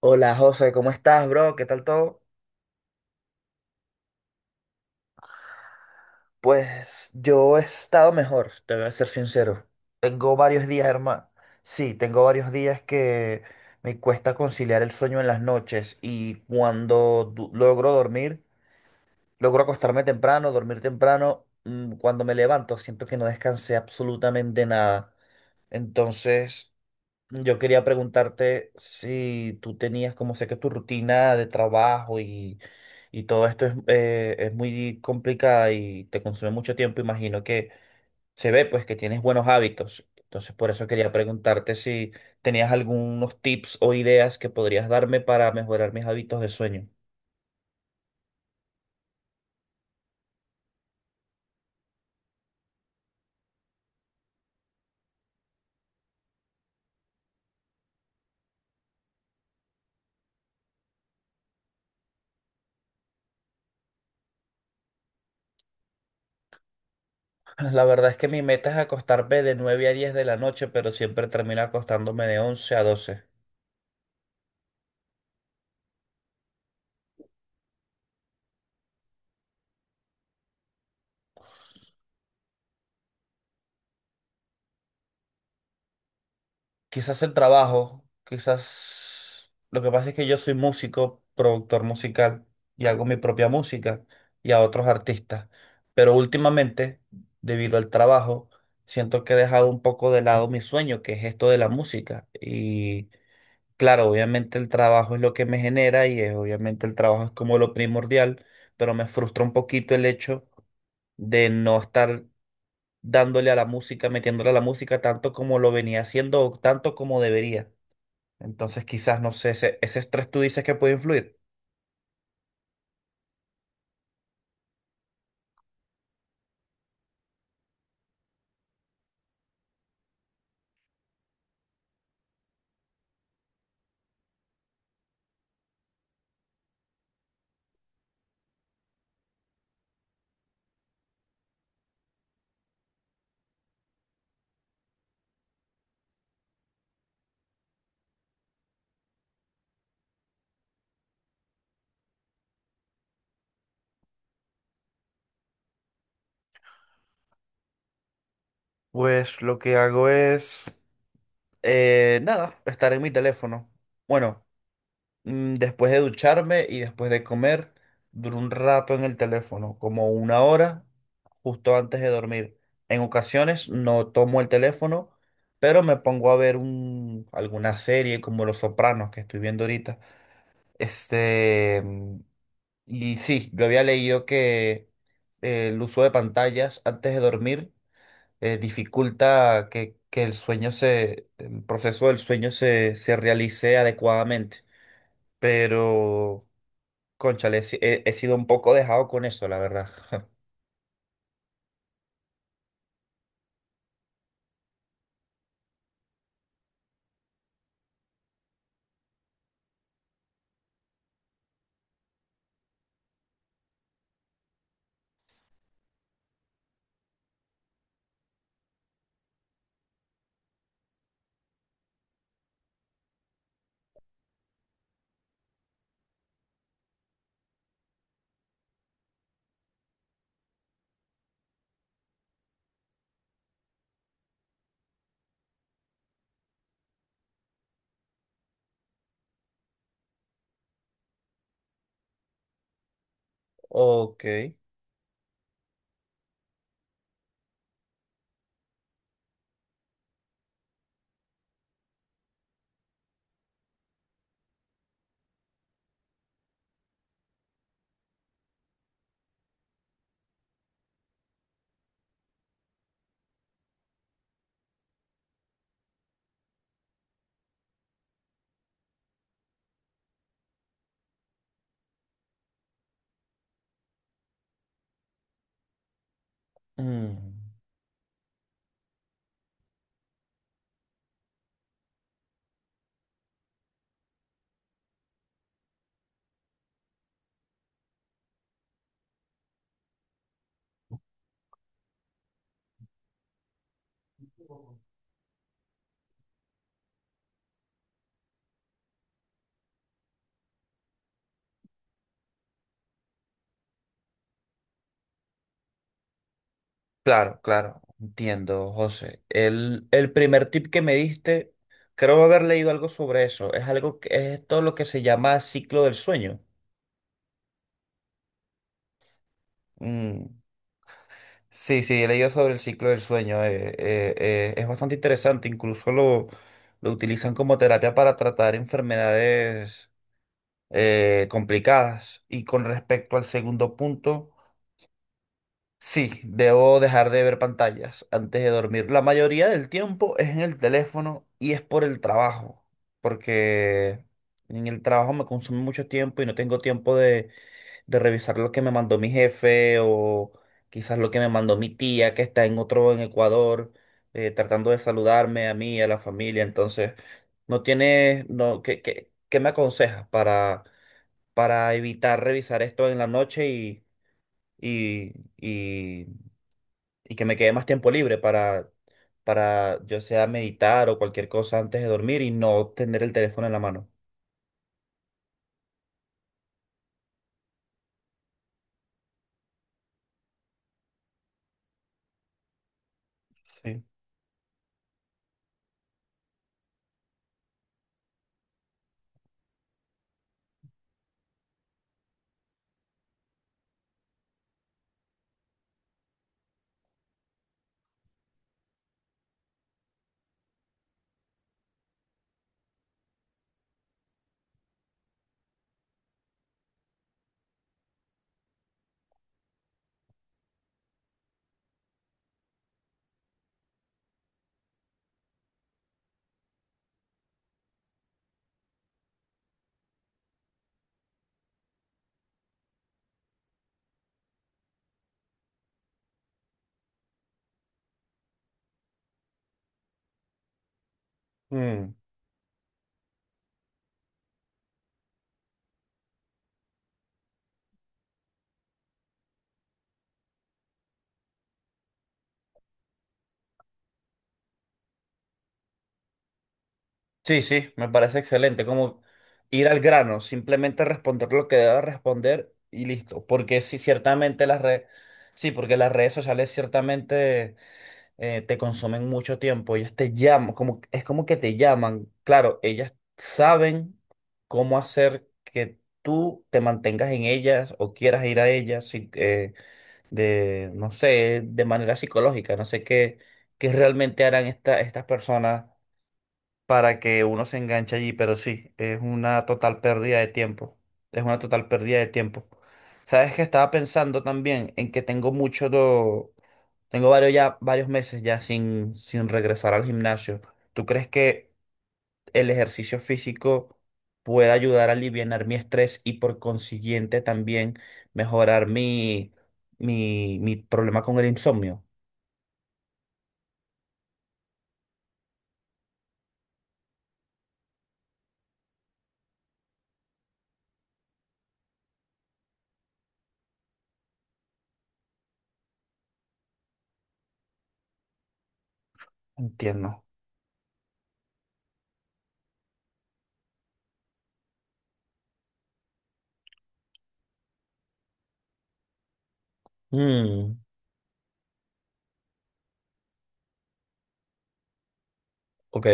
Hola José, ¿cómo estás, bro? ¿Qué tal todo? Pues yo he estado mejor, te voy a ser sincero. Tengo varios días, hermano. Sí, tengo varios días que me cuesta conciliar el sueño en las noches y cuando logro dormir, logro acostarme temprano, dormir temprano, cuando me levanto siento que no descansé absolutamente nada. Entonces. Yo quería preguntarte si tú tenías, como sé que tu rutina de trabajo y todo esto es muy complicada y te consume mucho tiempo, imagino que se ve pues que tienes buenos hábitos. Entonces por eso quería preguntarte si tenías algunos tips o ideas que podrías darme para mejorar mis hábitos de sueño. La verdad es que mi meta es acostarme de 9 a 10 de la noche, pero siempre termino acostándome de 11 a 12. Quizás el trabajo, quizás lo que pasa es que yo soy músico, productor musical y hago mi propia música y a otros artistas. Pero últimamente, debido al trabajo, siento que he dejado un poco de lado mi sueño, que es esto de la música. Y claro, obviamente el trabajo es lo que me genera obviamente el trabajo es como lo primordial, pero me frustra un poquito el hecho de no estar dándole a la música, metiéndole a la música tanto como lo venía haciendo o tanto como debería. Entonces quizás, no sé, ese estrés tú dices que puede influir. Pues lo que hago es, nada, estar en mi teléfono. Bueno, después de ducharme y después de comer, duro un rato en el teléfono, como una hora, justo antes de dormir. En ocasiones no tomo el teléfono, pero me pongo a ver alguna serie como Los Sopranos que estoy viendo ahorita. Este. Y sí, yo había leído que el uso de pantallas antes de dormir dificulta que el el proceso del sueño se realice adecuadamente. Pero, cónchale, he, si- he- he sido un poco dejado con eso, la verdad. Ok. Mm. Claro, claro, entiendo, José. El primer tip que me diste, creo haber leído algo sobre eso. Es algo que es todo lo que se llama ciclo del sueño. Mm. Sí, sí, he leído sobre el ciclo del sueño. Es bastante interesante. Incluso lo utilizan como terapia para tratar enfermedades complicadas. Y con respecto al segundo punto, sí, debo dejar de ver pantallas antes de dormir. La mayoría del tiempo es en el teléfono y es por el trabajo, porque en el trabajo me consume mucho tiempo y no tengo tiempo de revisar lo que me mandó mi jefe o quizás lo que me mandó mi tía que está en Ecuador, tratando de saludarme a mí, a la familia. Entonces, no tienes, no, ¿qué me aconsejas para evitar revisar esto en la noche y, y, y que me quede más tiempo libre para yo sea meditar o cualquier cosa antes de dormir y no tener el teléfono en la mano? Sí. Mm. Sí, sí, me parece excelente, como ir al grano, simplemente responder lo que deba responder y listo, porque sí, ciertamente las redes, sí, porque las redes sociales ciertamente te consumen mucho tiempo, ellas te llaman, como, es como que te llaman, claro, ellas saben cómo hacer que tú te mantengas en ellas o quieras ir a ellas, sí, no sé, de manera psicológica, no sé qué realmente harán estas personas para que uno se enganche allí, pero sí, es una total pérdida de tiempo. Es una total pérdida de tiempo. Sabes que estaba pensando también en que tengo varios meses ya sin regresar al gimnasio. ¿Tú crees que el ejercicio físico puede ayudar a aliviar mi estrés y por consiguiente también mejorar mi problema con el insomnio? Entiendo. Mm, ok.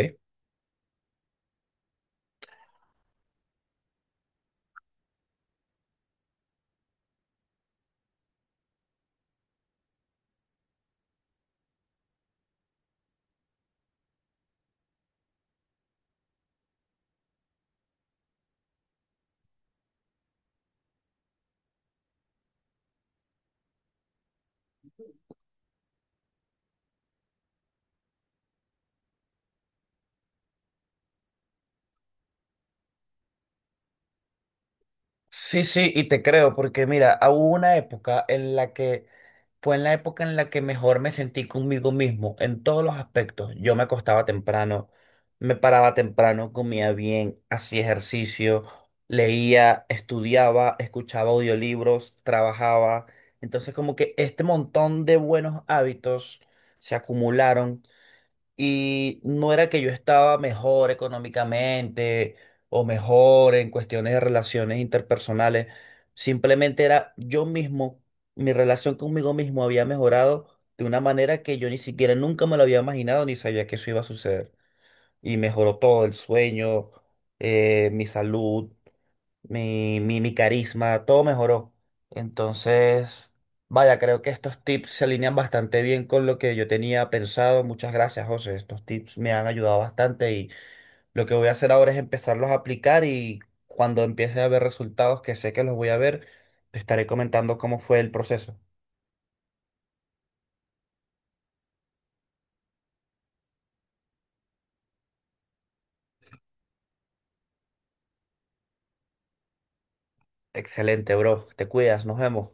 Sí, sí, y te creo, porque mira, ah, hubo una época en la que fue en la época en la que mejor me sentí conmigo mismo en todos los aspectos. Yo me acostaba temprano, me paraba temprano, comía bien, hacía ejercicio, leía, estudiaba, escuchaba audiolibros, trabajaba. Entonces, como que este montón de buenos hábitos se acumularon y no era que yo estaba mejor económicamente o mejor en cuestiones de relaciones interpersonales, simplemente era yo mismo, mi relación conmigo mismo había mejorado de una manera que yo ni siquiera nunca me lo había imaginado ni sabía que eso iba a suceder. Y mejoró todo, el sueño, mi salud, mi carisma, todo mejoró. Entonces, vaya, creo que estos tips se alinean bastante bien con lo que yo tenía pensado. Muchas gracias, José. Estos tips me han ayudado bastante y lo que voy a hacer ahora es empezarlos a aplicar y cuando empiece a ver resultados, que sé que los voy a ver, te estaré comentando cómo fue el proceso. Excelente, bro. Te cuidas, nos vemos.